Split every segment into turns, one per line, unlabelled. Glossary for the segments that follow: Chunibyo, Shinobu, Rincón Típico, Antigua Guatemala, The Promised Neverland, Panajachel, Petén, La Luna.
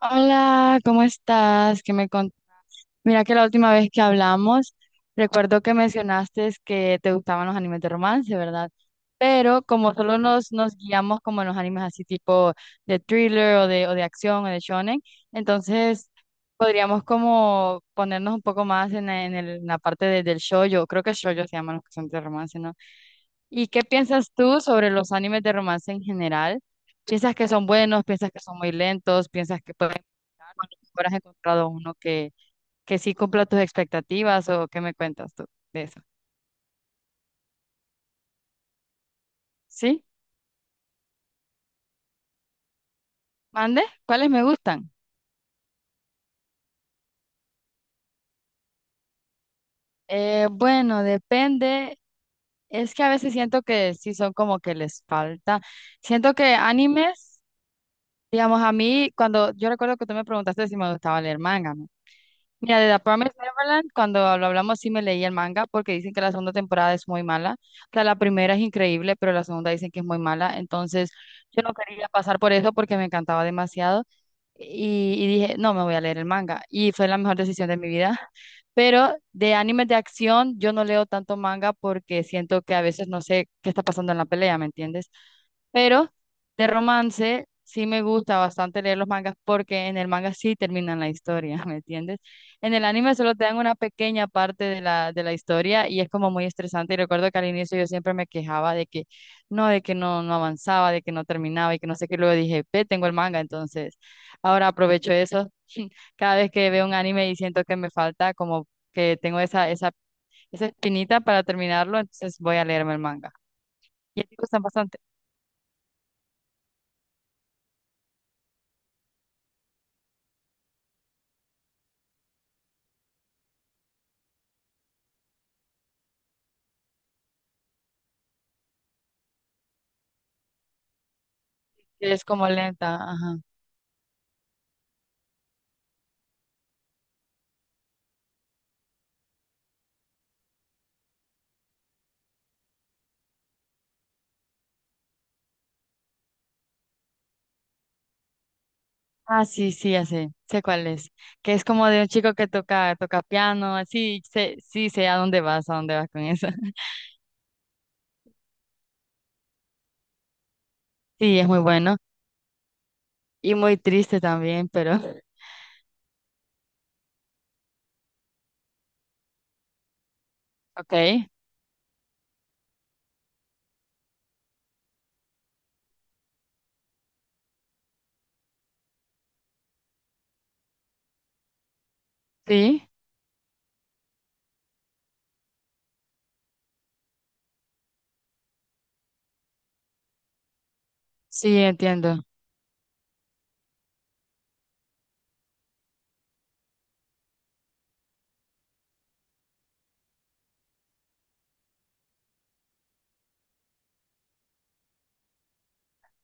Hola, ¿cómo estás? Mira que la última vez que hablamos, recuerdo que mencionaste que te gustaban los animes de romance, ¿verdad? Pero como solo nos guiamos como en los animes así tipo de thriller o de acción o de shonen, entonces podríamos como ponernos un poco más en la parte del shoujo, creo que shoujo se llaman los que son de romance, ¿no? ¿Y qué piensas tú sobre los animes de romance en general? ¿Piensas que son buenos? ¿Piensas que son muy lentos? ¿Piensas que pueden mejorar? ¿O a lo mejor ¿Has encontrado que sí cumpla tus expectativas o qué me cuentas tú de eso? ¿Sí? ¿Mande? ¿Cuáles me gustan? Bueno, depende. Es que a veces siento que sí son como que les falta. Siento que animes, digamos, a mí, cuando yo recuerdo que tú me preguntaste si me gustaba leer manga, mira, de The Promised Neverland, cuando lo hablamos sí me leí el manga porque dicen que la segunda temporada es muy mala. O sea, la primera es increíble, pero la segunda dicen que es muy mala. Entonces, yo no quería pasar por eso porque me encantaba demasiado. Y dije, no, me voy a leer el manga. Y fue la mejor decisión de mi vida. Pero de animes de acción, yo no leo tanto manga porque siento que a veces no sé qué está pasando en la pelea, ¿me entiendes? Pero de romance sí me gusta bastante leer los mangas porque en el manga sí terminan la historia, ¿me entiendes? En el anime solo te dan una pequeña parte de la historia y es como muy estresante. Y recuerdo que al inicio yo siempre me quejaba de que no, de que no avanzaba, de que no terminaba y que no sé qué. Luego dije, ve, tengo el manga, entonces ahora aprovecho eso. Cada vez que veo un anime y siento que me falta, como que tengo esa espinita para terminarlo, entonces voy a leerme el manga. Y a ti te gustan bastante, que es como lenta, ajá. Ah, sí, sí, ya sé, sé cuál es. Que es como de un chico que toca piano, así, sé, sí, sé a dónde vas con eso. Sí, es muy bueno y muy triste también, pero ok, sí, sí, entiendo.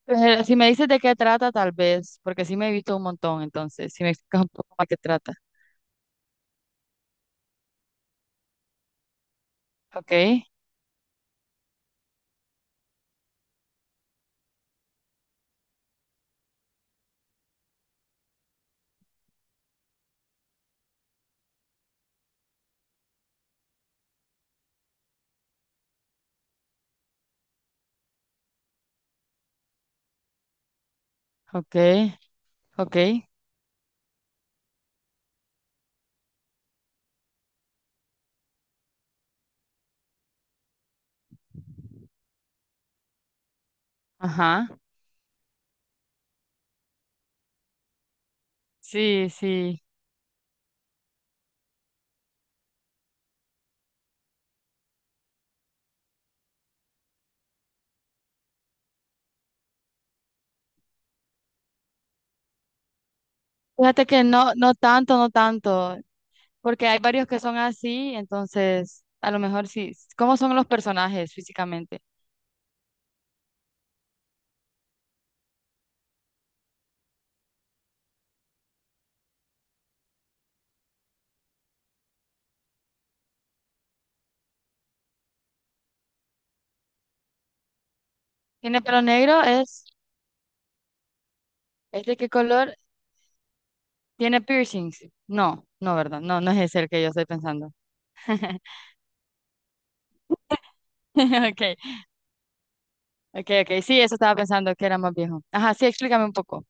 Pero si me dices de qué trata, tal vez, porque sí me he visto un montón, entonces, si me explicas un poco más qué trata. Ok, ok, ok, ajá, sí, sí. Fíjate que no, no tanto, no tanto. Porque hay varios que son así, entonces a lo mejor sí. ¿Cómo son los personajes físicamente? ¿Tiene pelo negro? ¿Es de qué color? ¿Tiene piercings? No, no, ¿verdad? No, no es ese el que yo estoy pensando. Okay, okay, okay. Sí, eso estaba pensando que era más viejo. Ajá, sí, explícame un poco.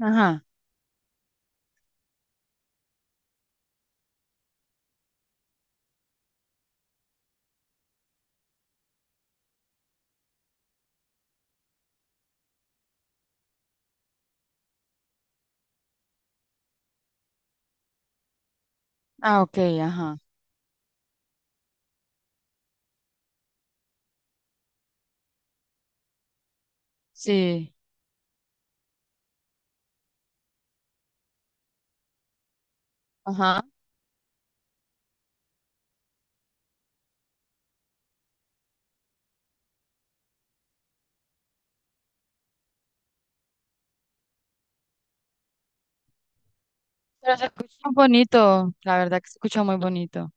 Ajá. Ah, okay, ajá. Sí, ajá. Pero se escucha muy bonito, la verdad que se escucha muy bonito.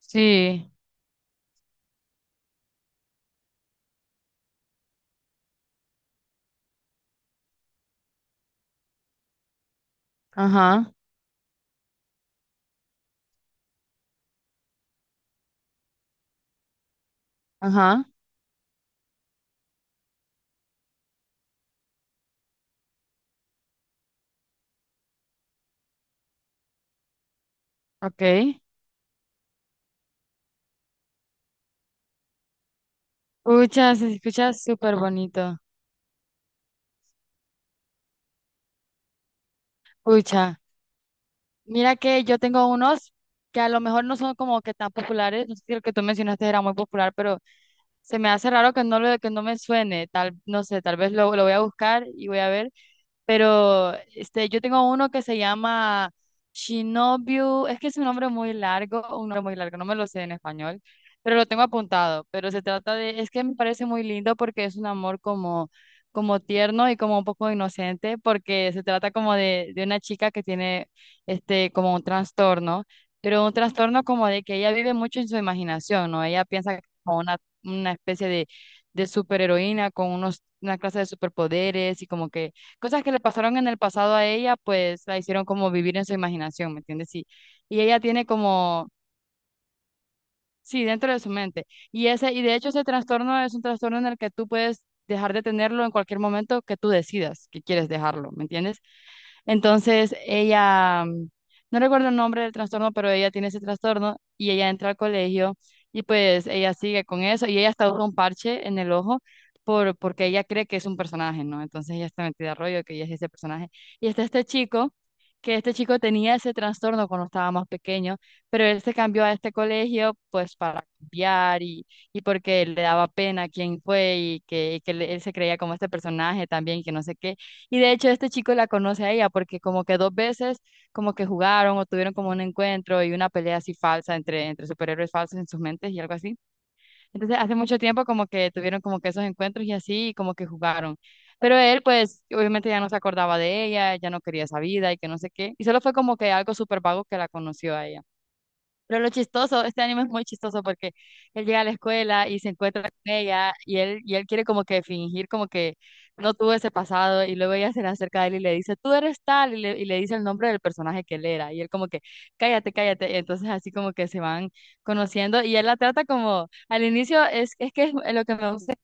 Sí, ajá, ajá. Okay. Pucha, se escucha súper bonito. Pucha. Mira que yo tengo unos que a lo mejor no son como que tan populares, no sé si el que tú mencionaste era muy popular, pero se me hace raro que no que no me suene, tal, no sé, tal vez lo voy a buscar y voy a ver, pero este, yo tengo uno que se llama Shinobu, es que es un nombre muy largo, un nombre muy largo, no me lo sé en español, pero lo tengo apuntado, pero se trata de, es que me parece muy lindo porque es un amor como como tierno y como un poco inocente, porque se trata como de una chica que tiene este, como un trastorno, pero un trastorno como de que ella vive mucho en su imaginación, ¿no? Ella piensa que es como una especie de superheroína con unos, una clase de superpoderes y como que cosas que le pasaron en el pasado a ella, pues la hicieron como vivir en su imaginación, ¿me entiendes? Y ella tiene como, sí, dentro de su mente. Y de hecho ese trastorno es un trastorno en el que tú puedes dejar de tenerlo en cualquier momento que tú decidas que quieres dejarlo, ¿me entiendes? Entonces ella, no recuerdo el nombre del trastorno, pero ella tiene ese trastorno y ella entra al colegio y pues ella sigue con eso y ella hasta usa un parche en el ojo porque ella cree que es un personaje, ¿no? Entonces ella está metida a rollo que ella es ese personaje. Y está este chico, que este chico tenía ese trastorno cuando estaba más pequeño, pero él se cambió a este colegio pues para cambiar y porque le daba pena quién fue y que él se creía como este personaje también, que no sé qué. Y de hecho este chico la conoce a ella porque como que dos veces como que jugaron o tuvieron como un encuentro y una pelea así falsa entre superhéroes falsos en sus mentes y algo así. Entonces hace mucho tiempo como que tuvieron como que esos encuentros y así y como que jugaron. Pero él pues obviamente ya no se acordaba de ella, ya no quería esa vida y que no sé qué. Y solo fue como que algo súper vago que la conoció a ella. Pero lo chistoso, este anime es muy chistoso porque él llega a la escuela y se encuentra con ella y él quiere como que fingir como que no tuvo ese pasado y luego ella se le acerca a él y le dice, tú eres tal y le dice el nombre del personaje que él era y él como que, cállate, cállate. Y entonces así como que se van conociendo y él la trata como, al inicio es que es lo que me gusta,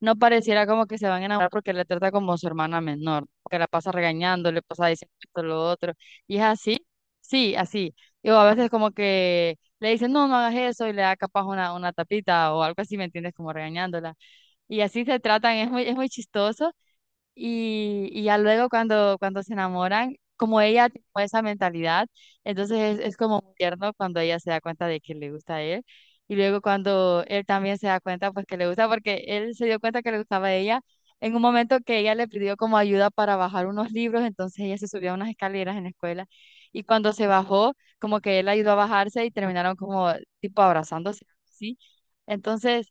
no pareciera como que se van a enamorar porque le trata como su hermana menor, que la pasa regañando, le pasa diciendo esto, lo otro y es así. Sí, así. Y o a veces como que le dicen, no, no hagas eso, y le da capaz una tapita o algo así, ¿me entiendes? Como regañándola. Y así se tratan, es muy chistoso. Y ya luego cuando se enamoran, como ella tiene esa mentalidad, entonces es como muy tierno cuando ella se da cuenta de que le gusta a él. Y luego cuando él también se da cuenta, pues que le gusta, porque él se dio cuenta que le gustaba a ella en un momento que ella le pidió como ayuda para bajar unos libros, entonces ella se subió a unas escaleras en la escuela. Y cuando se bajó, como que él la ayudó a bajarse y terminaron como tipo abrazándose, ¿sí? Entonces...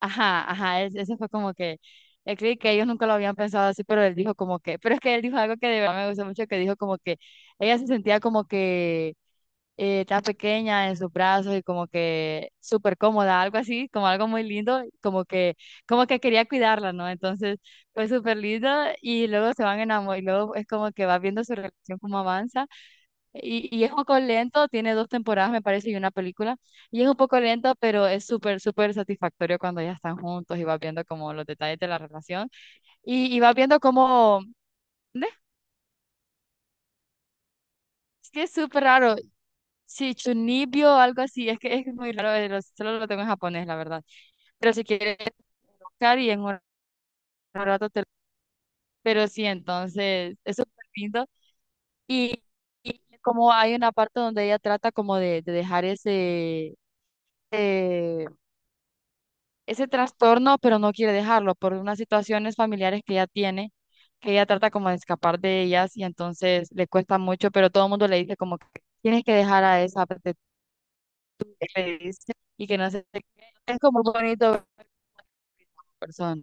Ajá, ajá, ese fue como que el clic que ellos nunca lo habían pensado así, pero él dijo como que, pero es que él dijo algo que de verdad me gustó mucho, que dijo como que ella se sentía como que tan pequeña en sus brazos y como que súper cómoda, algo así, como algo muy lindo, como que quería cuidarla, ¿no? Entonces fue súper lindo y luego se van enamorando y luego es como que va viendo su relación como avanza y es un poco lento, tiene dos temporadas, me parece, y una película. Y es un poco lento, pero es súper satisfactorio cuando ya están juntos y vas viendo como los detalles de la relación. Y vas viendo como... ¿Ve? Es que es súper raro. Sí, Chunibyo, algo así. Es que es muy raro, solo lo tengo en japonés, la verdad. Pero si quieres buscar y en un rato te... Pero sí, entonces es súper lindo. Y, y como hay una parte donde ella trata como de dejar ese... eh, ese trastorno, pero no quiere dejarlo por unas situaciones familiares que ella tiene, que ella trata como de escapar de ellas y entonces le cuesta mucho, pero todo el mundo le dice como que tienes que dejar a esa parte que le dice, y que no se te. Es como muy bonito ver a persona,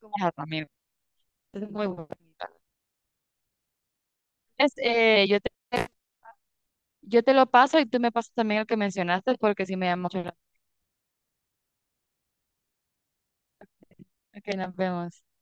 como dejarlo, amigo. Es muy bonita. Es, eh, yo te, yo te lo paso y tú me pasas también el que mencionaste porque sí me llama mucho la- atención. Ok, nos vemos.